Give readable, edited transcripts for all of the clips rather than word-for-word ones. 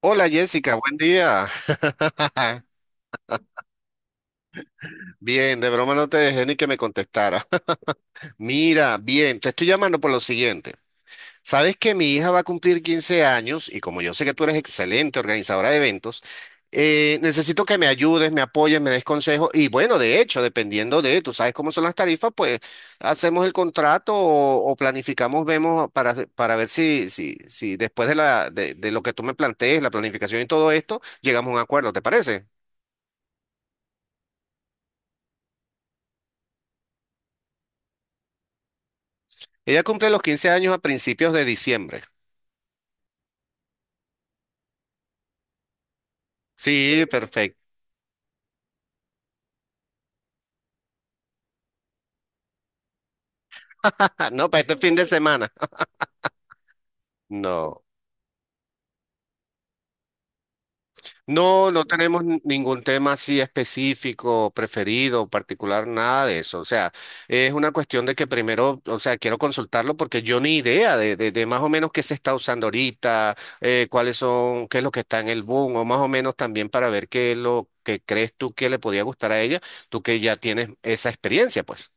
Hola Jessica, buen día. Bien, de broma no te dejé ni que me contestara. Mira, bien, te estoy llamando por lo siguiente. Sabes que mi hija va a cumplir 15 años y como yo sé que tú eres excelente organizadora de eventos, necesito que me ayudes, me apoyes, me des consejos y bueno, de hecho, dependiendo de, tú sabes cómo son las tarifas, pues hacemos el contrato o planificamos, vemos para, para ver si después de, de lo que tú me plantees, la planificación y todo esto, llegamos a un acuerdo, ¿te parece? Ella cumple los 15 años a principios de diciembre. Sí, perfecto. No, para este fin de semana. No. No, no tenemos ningún tema así específico, preferido, particular, nada de eso. O sea, es una cuestión de que primero, o sea, quiero consultarlo porque yo ni idea de más o menos qué se está usando ahorita, cuáles son, qué es lo que está en el boom, o más o menos también para ver qué es lo que crees tú que le podía gustar a ella, tú que ya tienes esa experiencia, pues.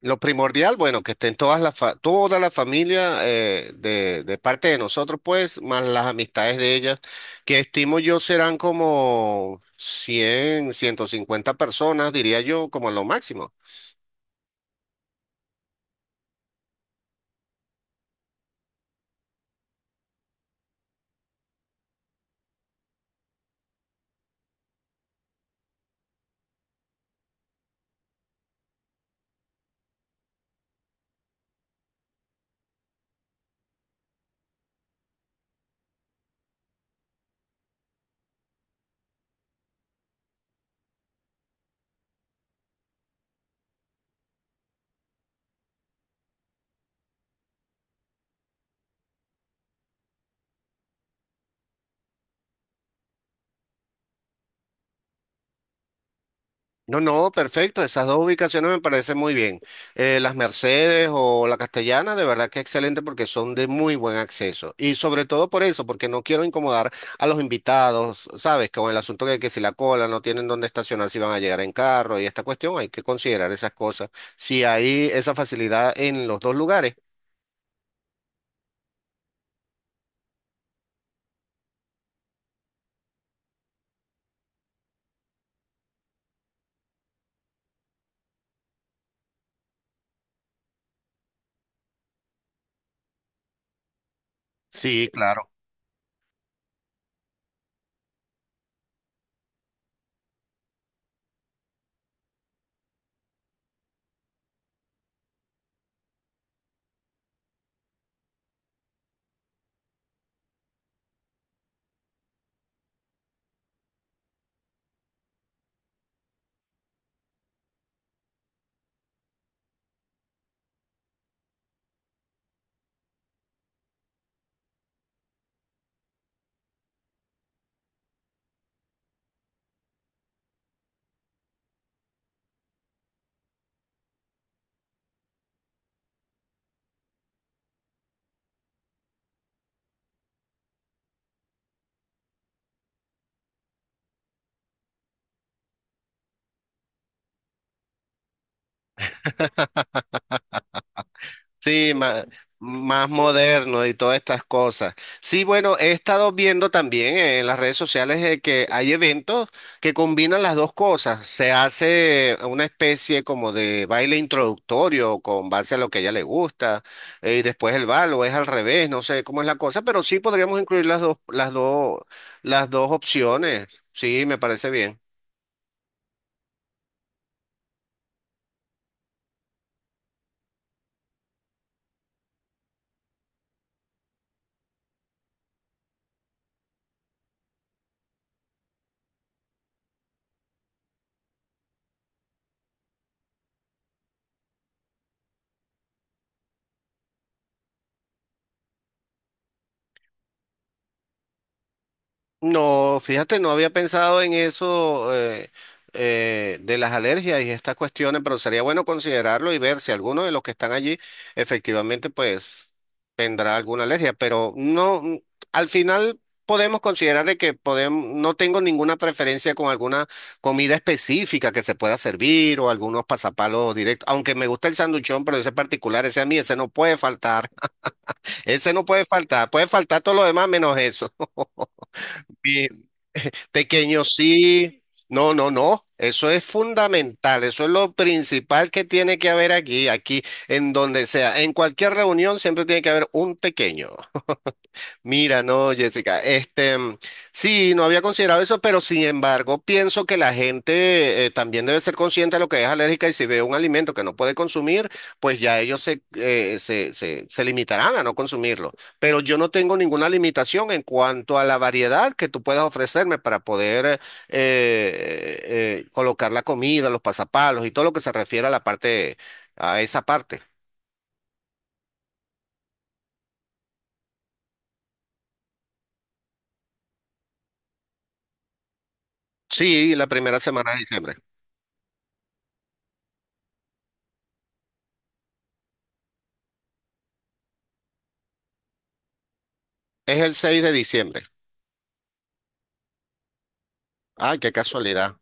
Lo primordial, bueno, que estén todas las toda la familia de parte de nosotros, pues, más las amistades de ellas, que estimo yo serán como 100 150 personas, diría yo, como lo máximo. No, no, perfecto. Esas dos ubicaciones me parecen muy bien. Las Mercedes o la Castellana, de verdad que excelente porque son de muy buen acceso. Y sobre todo por eso, porque no quiero incomodar a los invitados, ¿sabes? Con el asunto de que si la cola no tienen dónde estacionar, si van a llegar en carro y esta cuestión, hay que considerar esas cosas. Si hay esa facilidad en los dos lugares. Sí, claro. Sí, más, moderno y todas estas cosas. Sí, bueno, he estado viendo también en las redes sociales que hay eventos que combinan las dos cosas. Se hace una especie como de baile introductorio con base a lo que a ella le gusta y después el bal o es al revés, no sé cómo es la cosa, pero sí podríamos incluir las dos opciones. Sí, me parece bien. No, fíjate, no había pensado en eso de las alergias y estas cuestiones, pero sería bueno considerarlo y ver si alguno de los que están allí efectivamente pues tendrá alguna alergia, pero no, al final podemos considerar de que podemos, no tengo ninguna preferencia con alguna comida específica que se pueda servir o algunos pasapalos directos, aunque me gusta el sanduchón, pero ese particular, ese a mí, ese no puede faltar, ese no puede faltar, puede faltar todo lo demás menos eso. Pequeño sí, no, no, no. Eso es fundamental, eso es lo principal que tiene que haber aquí, aquí, en donde sea, en cualquier reunión siempre tiene que haber un pequeño. Mira, no, Jessica, este, sí, no había considerado eso, pero sin embargo, pienso que la gente también debe ser consciente de lo que es alérgica y si ve un alimento que no puede consumir, pues ya ellos se limitarán a no consumirlo. Pero yo no tengo ninguna limitación en cuanto a la variedad que tú puedas ofrecerme para poder colocar la comida, los pasapalos y todo lo que se refiere a la parte, a esa parte. Sí, la primera semana de diciembre. Es el 6 de diciembre. Ah, qué casualidad.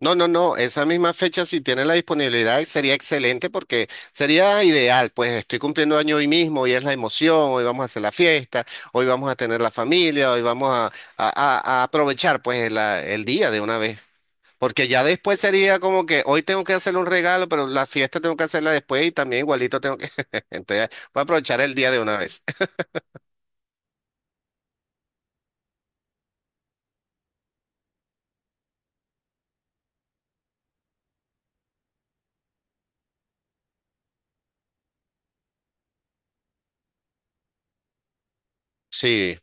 No, no, no, esa misma fecha si tiene la disponibilidad sería excelente porque sería ideal, pues estoy cumpliendo año hoy mismo, hoy es la emoción, hoy vamos a hacer la fiesta, hoy vamos a tener la familia, hoy vamos a aprovechar pues el día de una vez, porque ya después sería como que hoy tengo que hacerle un regalo, pero la fiesta tengo que hacerla después y también igualito tengo que, entonces voy a aprovechar el día de una vez. Sí.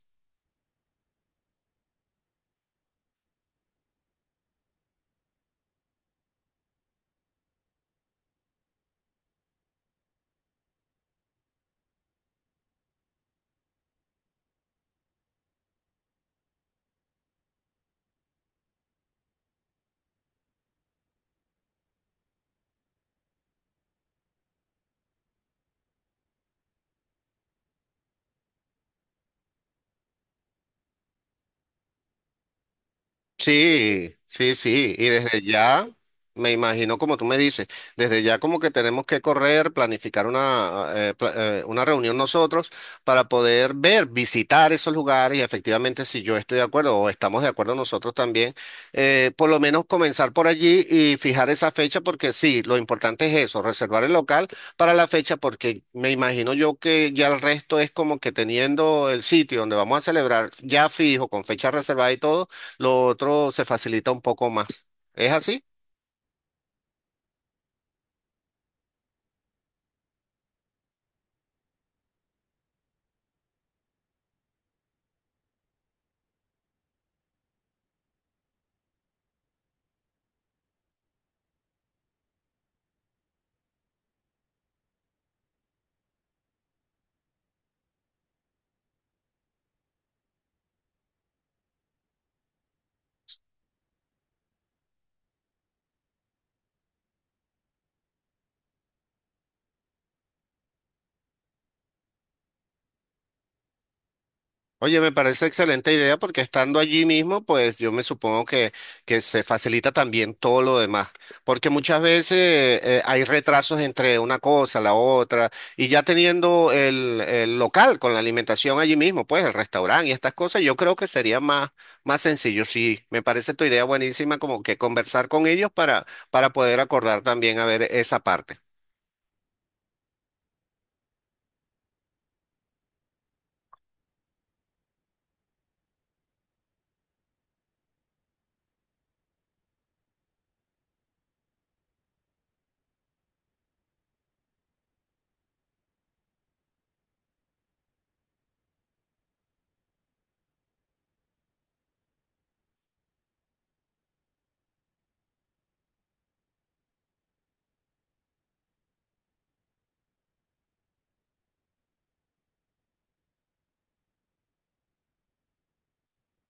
Sí, sí, sí, y desde ya, me imagino como tú me dices, desde ya como que tenemos que correr, planificar una reunión nosotros para poder ver, visitar esos lugares y efectivamente si yo estoy de acuerdo o estamos de acuerdo nosotros también, por lo menos comenzar por allí y fijar esa fecha porque sí, lo importante es eso, reservar el local para la fecha porque me imagino yo que ya el resto es como que teniendo el sitio donde vamos a celebrar ya fijo, con fecha reservada y todo lo otro se facilita un poco más. ¿Es así? Oye, me parece excelente idea porque estando allí mismo, pues yo me supongo que se facilita también todo lo demás, porque muchas veces hay retrasos entre una cosa, la otra, y ya teniendo el local con la alimentación allí mismo, pues el restaurante y estas cosas, yo creo que sería más, sencillo. Sí, me parece tu idea buenísima como que conversar con ellos para poder acordar también a ver esa parte.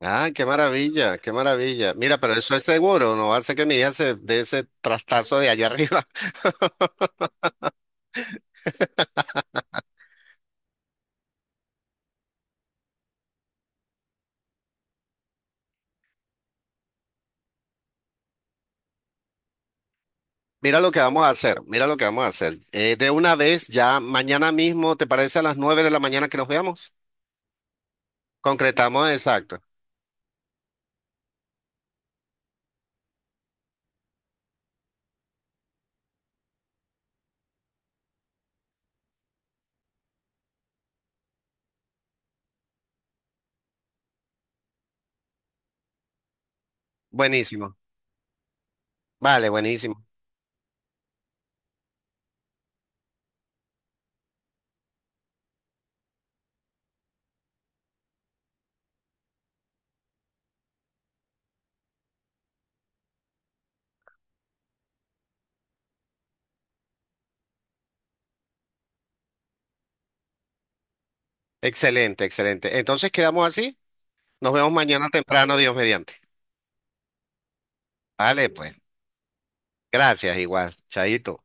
Ah, qué maravilla, qué maravilla. Mira, pero eso es seguro, no hace que mi hija se dé ese trastazo de allá arriba. Mira lo que vamos a hacer, mira lo que vamos a hacer. De una vez, ya mañana mismo, ¿te parece a las 9 de la mañana que nos veamos? Concretamos, exacto. Buenísimo. Vale, buenísimo. Excelente, excelente. Entonces quedamos así. Nos vemos mañana temprano, Dios mediante. Vale, pues. Gracias, igual. Chaito.